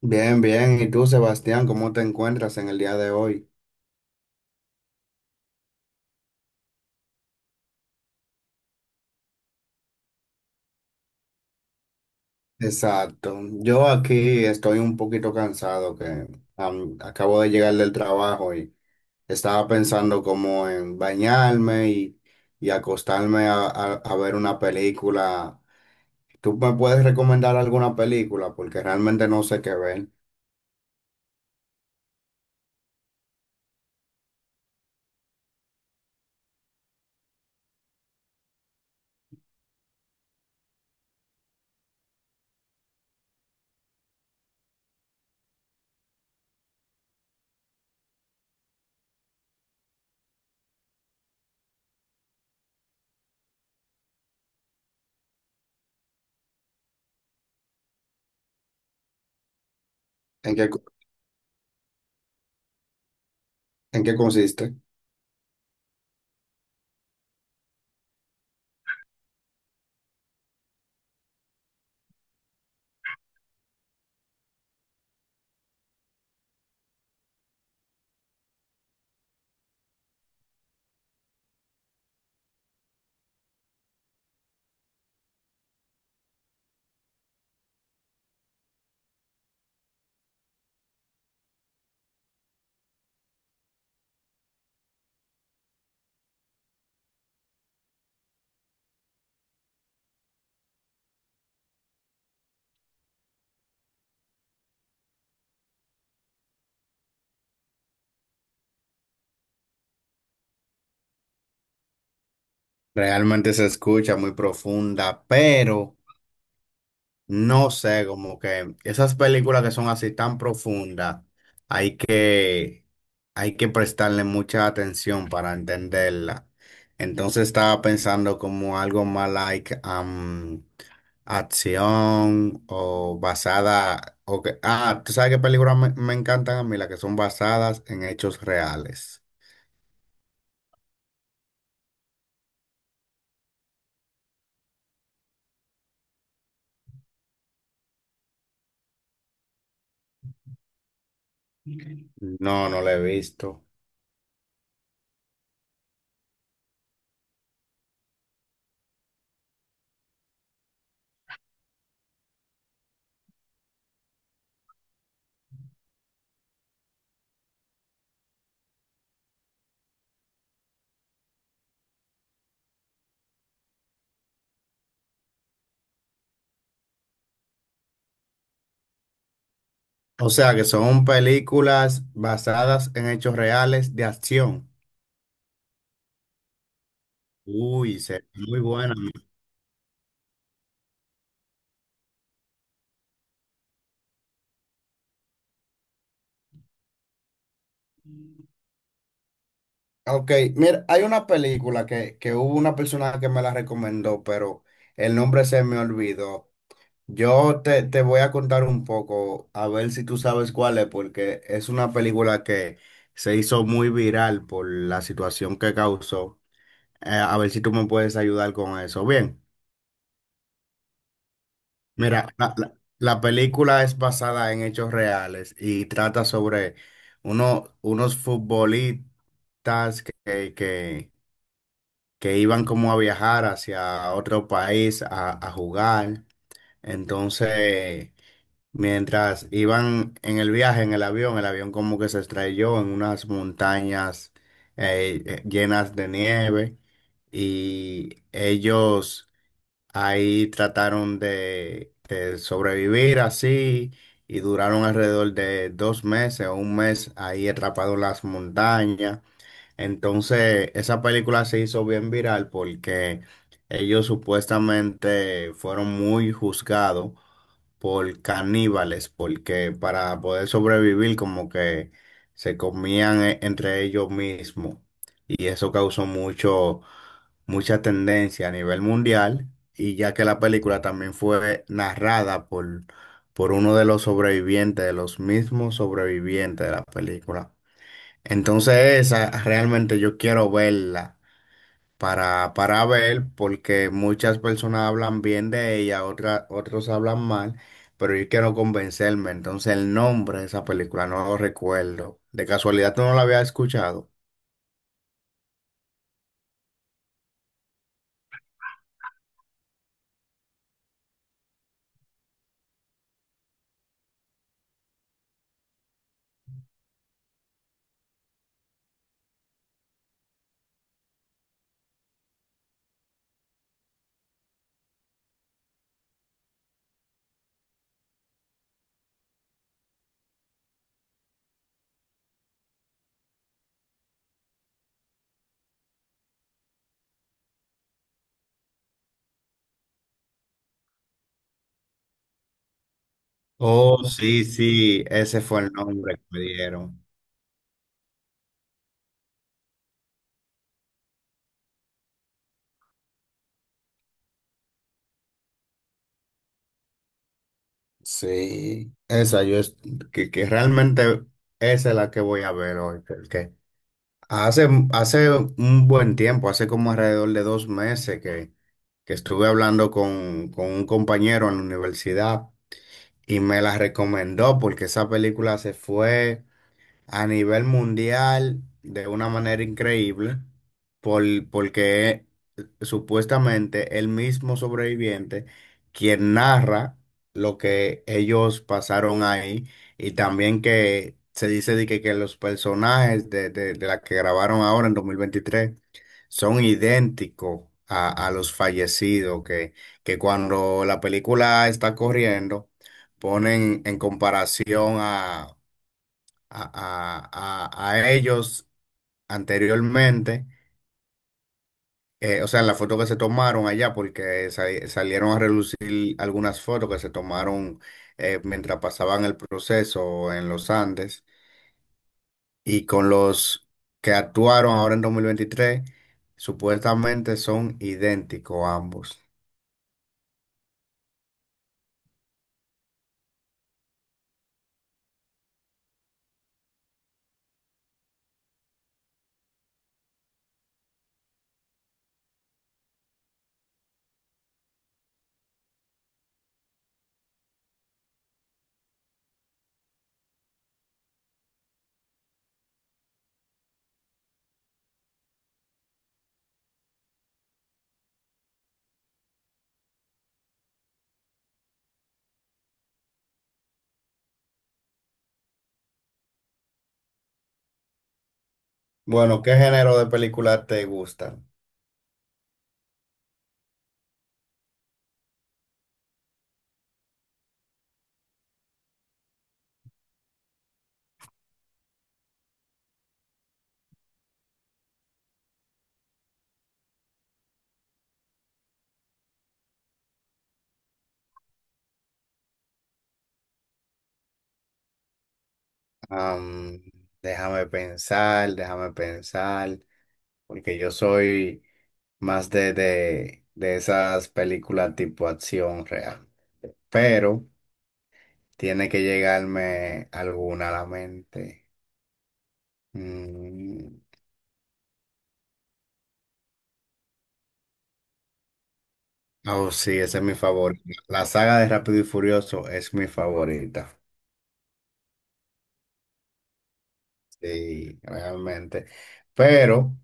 Bien, bien. ¿Y tú, Sebastián, cómo te encuentras en el día de hoy? Exacto. Yo aquí estoy un poquito cansado que acabo de llegar del trabajo y estaba pensando como en bañarme y acostarme a ver una película. ¿Tú me puedes recomendar alguna película? Porque realmente no sé qué ver. ¿En qué, co- en qué consiste? Realmente se escucha muy profunda, pero no sé, como que esas películas que son así tan profundas, hay que, hay que prestarle mucha atención para entenderla. Entonces estaba pensando como algo más like acción o basada, o que, ah, ¿tú sabes qué películas me encantan a mí? Las que son basadas en hechos reales. No, no la he visto. O sea, que son películas basadas en hechos reales de acción. Uy, muy buena. Ok, mira, hay una película que hubo una persona que me la recomendó, pero el nombre se me olvidó. Yo te voy a contar un poco, a ver si tú sabes cuál es, porque es una película que se hizo muy viral por la situación que causó. A ver si tú me puedes ayudar con eso. Bien. Mira, la película es basada en hechos reales y trata sobre unos futbolistas que iban como a viajar hacia otro país a jugar. Entonces, mientras iban en el viaje, en el avión como que se estrelló en unas montañas llenas de nieve y ellos ahí trataron de sobrevivir así y duraron alrededor de dos meses o un mes ahí atrapados en las montañas. Entonces, esa película se hizo bien viral porque ellos supuestamente fueron muy juzgados por caníbales, porque para poder sobrevivir como que se comían entre ellos mismos y eso causó mucha tendencia a nivel mundial y ya que la película también fue narrada por uno de los sobrevivientes, de los mismos sobrevivientes de la película. Entonces esa realmente yo quiero verla para ver, porque muchas personas hablan bien de ella, otros hablan mal, pero yo quiero convencerme. Entonces, el nombre de esa película no lo recuerdo. De casualidad, ¿tú no la había escuchado? Oh, sí, sí, ese fue el nombre que me dieron. Sí, esa yo es que realmente esa es la que voy a ver hoy, porque hace un buen tiempo, hace como alrededor de dos meses que estuve hablando con un compañero en la universidad y me la recomendó porque esa película se fue a nivel mundial de una manera increíble, por, porque supuestamente el mismo sobreviviente quien narra lo que ellos pasaron ahí y también que se dice de que los personajes de la que grabaron ahora en 2023 son idénticos a los fallecidos, que cuando la película está corriendo ponen en comparación a, a- a ellos anteriormente, o sea, en la foto que se tomaron allá, porque salieron a relucir algunas fotos que se tomaron mientras pasaban el proceso en los Andes, y con los que actuaron ahora en 2023 supuestamente son idénticos ambos. Bueno, ¿qué género de películas te gustan? Am, déjame pensar. Porque yo soy más de esas películas tipo acción real. Pero tiene que llegarme alguna a la mente. Mm. Oh, sí, esa es mi favorita. La saga de Rápido y Furioso es mi favorita. Sí, realmente. Pero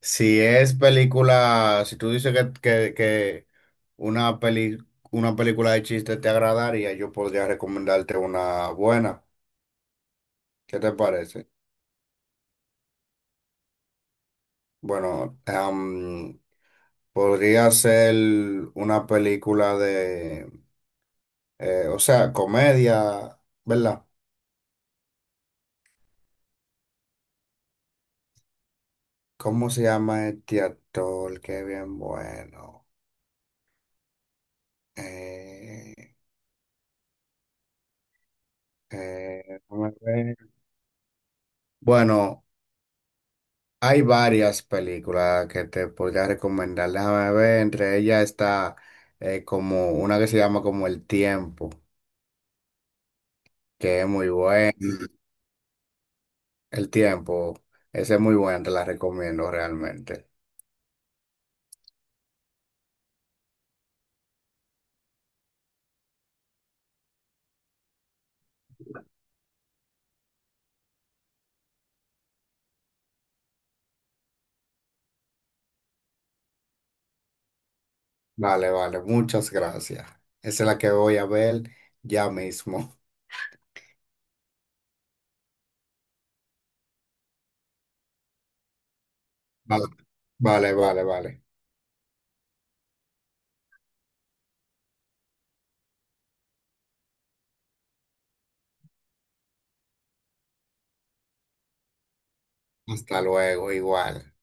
si es película, si tú dices que una peli, una película de chiste te agradaría, yo podría recomendarte una buena. ¿Qué te parece? Bueno, podría ser una película o sea, comedia, ¿verdad? ¿Cómo se llama este actor? Qué bien bueno. Eh, eh, déjame ver. Bueno, hay varias películas que te podría recomendar. Déjame ver, entre ellas está como una que se llama como El Tiempo, que es muy buena. El Tiempo, esa es muy buena, te la recomiendo realmente. Vale, vale, muchas gracias. Esa es la que voy a ver ya mismo. Vale, vale, vale. Vale. Hasta luego, igual.